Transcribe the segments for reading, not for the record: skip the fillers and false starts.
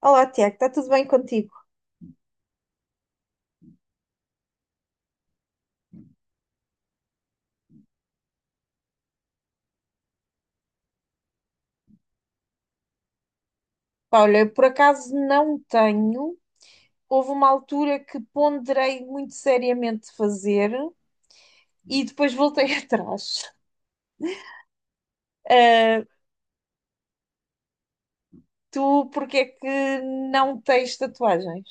Olá, Tiago, está tudo bem contigo? Pá, olha, por acaso não tenho. Houve uma altura que ponderei muito seriamente fazer e depois voltei atrás. Ah, tu, porque é que não tens tatuagens?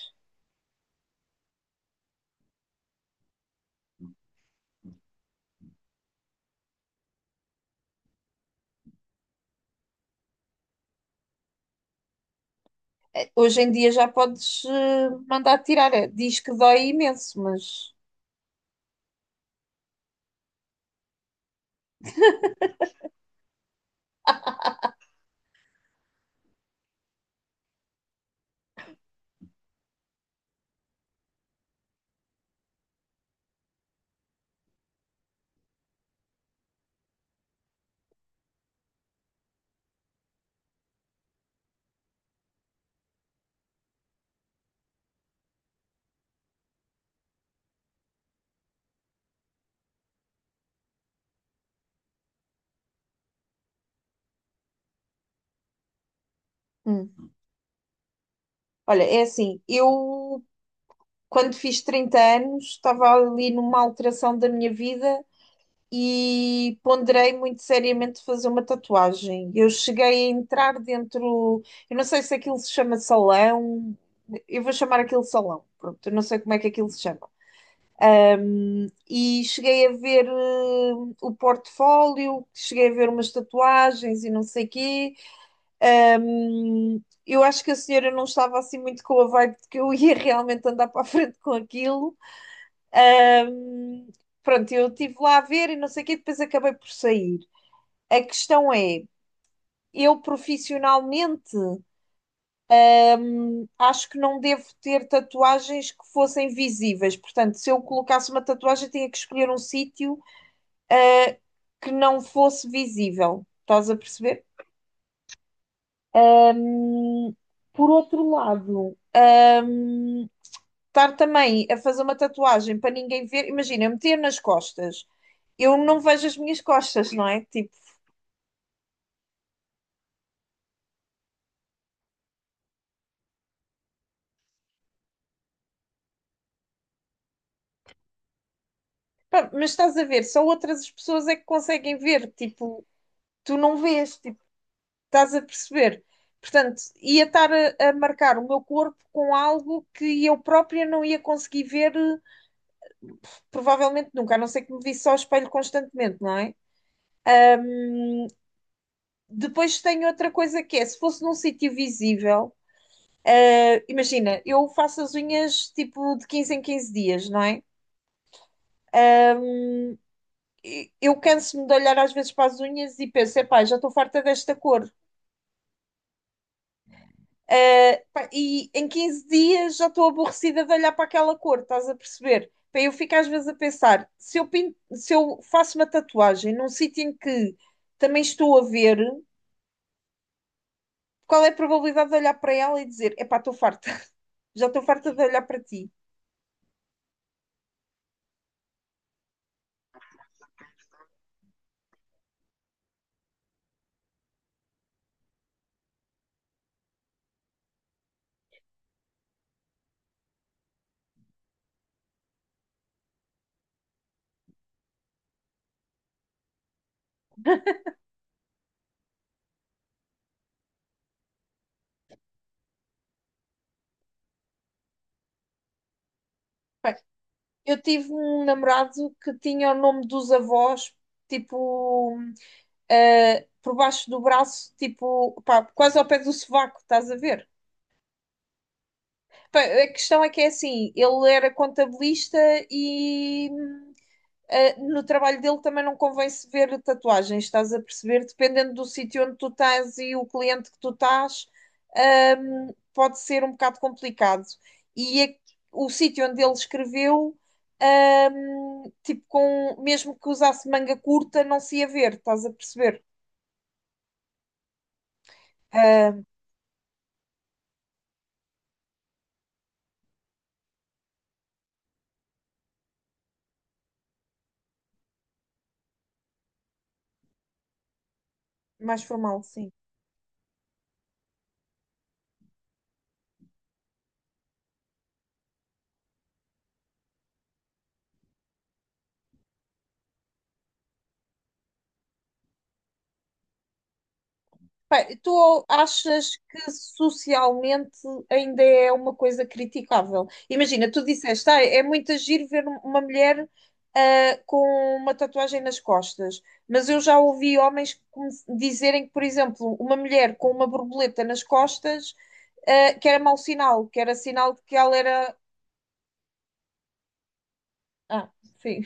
Hoje em dia já podes mandar tirar. É, diz que dói imenso, mas. Hum. Olha, é assim, eu quando fiz 30 anos estava ali numa alteração da minha vida e ponderei muito seriamente fazer uma tatuagem. Eu cheguei a entrar dentro, eu não sei se aquilo se chama salão, eu vou chamar aquilo salão, pronto, eu não sei como é que aquilo se chama. E cheguei a ver o portfólio, cheguei a ver umas tatuagens e não sei quê. Ahm, eu acho que a senhora não estava assim muito com a vibe de que eu ia realmente andar para a frente com aquilo. Pronto, eu estive lá a ver e não sei o quê, depois acabei por sair. A questão é, eu profissionalmente acho que não devo ter tatuagens que fossem visíveis. Portanto, se eu colocasse uma tatuagem, tinha que escolher um sítio que não fosse visível. Estás a perceber? Por outro lado, estar também a fazer uma tatuagem para ninguém ver, imagina, eu meter nas costas. Eu não vejo as minhas costas, não é? Tipo, pá, mas estás a ver, só outras pessoas é que conseguem ver, tipo, tu não vês, tipo, estás a perceber? Portanto, ia estar a marcar o meu corpo com algo que eu própria não ia conseguir ver, provavelmente nunca, a não ser que me visse ao espelho constantemente, não é? Depois tenho outra coisa que é, se fosse num sítio visível, imagina, eu faço as unhas tipo de 15 em 15 dias, não é? E eu canso-me de olhar às vezes para as unhas e penso, epá, já estou farta desta cor. Pá, e em 15 dias já estou aborrecida de olhar para aquela cor, estás a perceber? Pá, eu fico às vezes a pensar, se eu, se eu faço uma tatuagem num sítio em que também estou a ver, qual é a probabilidade de olhar para ela e dizer, epá, estou farta, já estou farta de olhar para ti. Bem, eu tive um namorado que tinha o nome dos avós, tipo, por baixo do braço, tipo, pá, quase ao pé do sovaco, estás a ver? A questão é que é assim, ele era contabilista e no trabalho dele também não convém se ver tatuagens, estás a perceber? Dependendo do sítio onde tu estás e o cliente que tu estás, pode ser um bocado complicado. E a- o sítio onde ele escreveu, tipo, com, mesmo que usasse manga curta, não se ia ver, estás a perceber? Ah, mais formal, sim. Bem, tu achas que socialmente ainda é uma coisa criticável? Imagina, tu disseste, ah, é muito giro ver uma mulher ah, com uma tatuagem nas costas, mas eu já ouvi homens dizerem que, por exemplo, uma mulher com uma borboleta nas costas ah, que era mau sinal, que era sinal de que ela era. Ah, sim.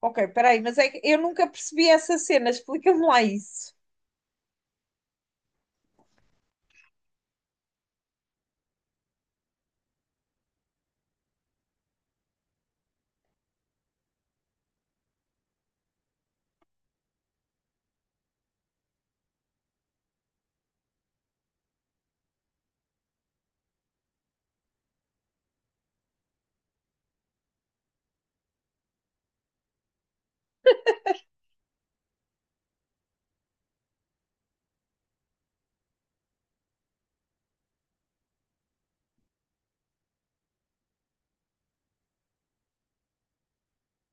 Ok, peraí, mas é que eu nunca percebi essa cena, explica-me lá isso.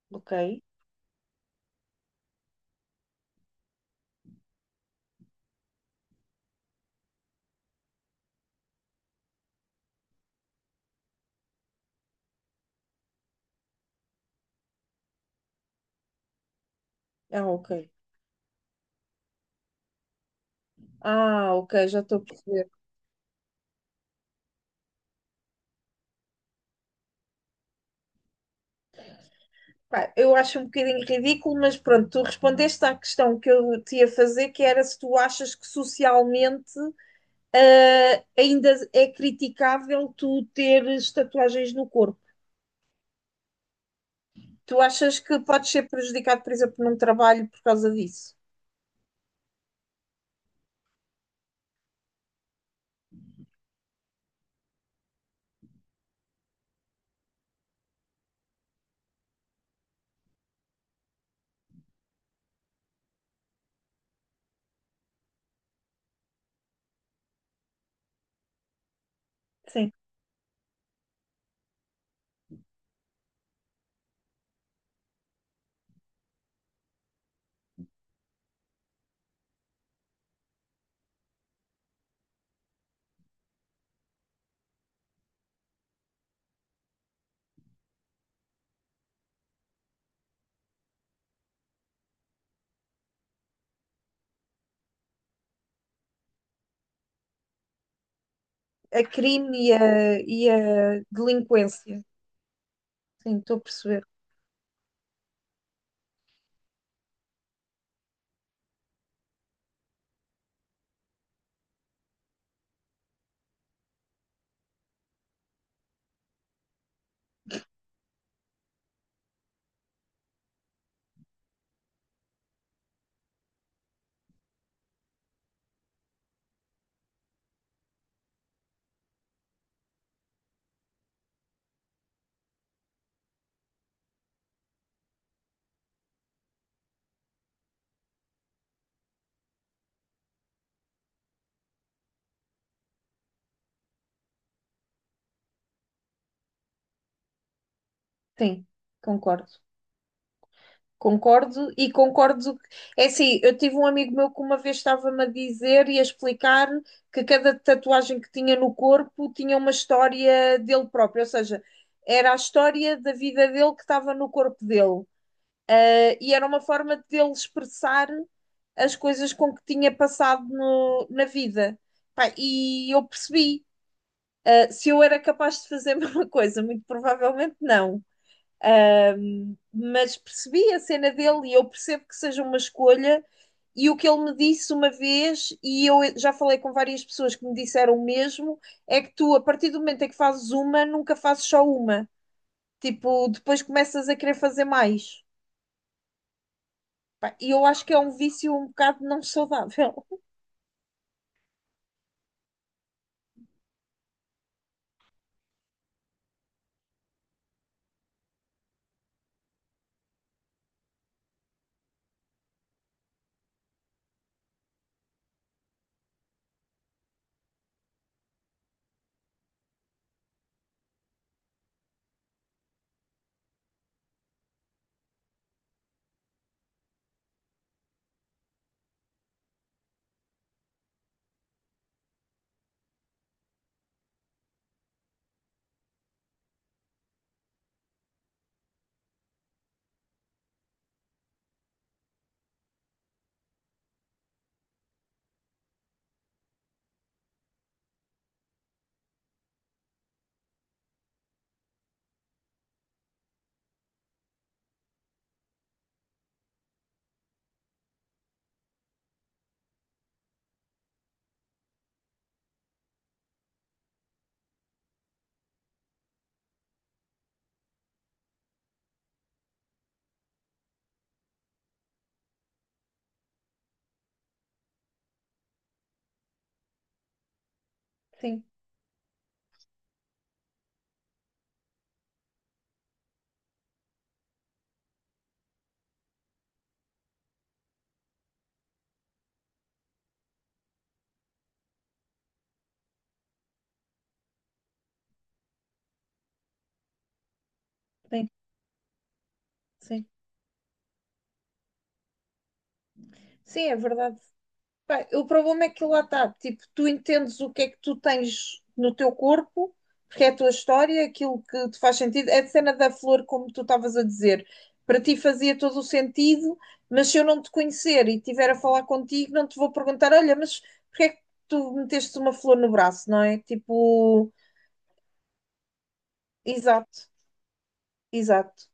Ok. Ah, ok. Ah, ok, já estou a perceber. Pá, eu acho um bocadinho ridículo, mas pronto, tu respondeste à questão que eu te ia fazer, que era se tu achas que socialmente ah, ainda é criticável tu teres tatuagens no corpo. Tu achas que podes ser prejudicado, por exemplo, num trabalho por causa disso? Sim. A crime e a delinquência. Sim, estou a perceber. Sim, concordo. Concordo e concordo. É assim, eu tive um amigo meu que uma vez estava-me a dizer e a explicar que cada tatuagem que tinha no corpo tinha uma história dele próprio, ou seja, era a história da vida dele que estava no corpo dele. E era uma forma de ele expressar as coisas com que tinha passado na vida. Pá, e eu percebi, se eu era capaz de fazer a mesma coisa, muito provavelmente não. Mas percebi a cena dele e eu percebo que seja uma escolha. E o que ele me disse uma vez, e eu já falei com várias pessoas que me disseram o mesmo, é que tu, a partir do momento em que fazes uma, nunca fazes só uma. Tipo, depois começas a querer fazer mais. Pá, e eu acho que é um vício um bocado não saudável. Sim, sim, sim. Sim, é verdade. Pá, o problema é que lá está, tipo, tu entendes o que é que tu tens no teu corpo, porque é a tua história, aquilo que te faz sentido. É a cena da flor, como tu estavas a dizer, para ti fazia todo o sentido, mas se eu não te conhecer e estiver a falar contigo, não te vou perguntar, olha, mas porque é que tu meteste uma flor no braço, não é? Tipo, exato, exato.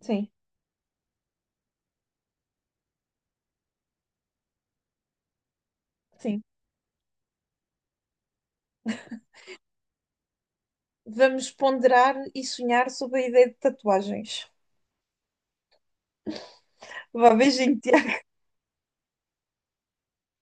Sim, sim. Vamos ponderar e sonhar sobre a ideia de tatuagens. Vá, beijinho,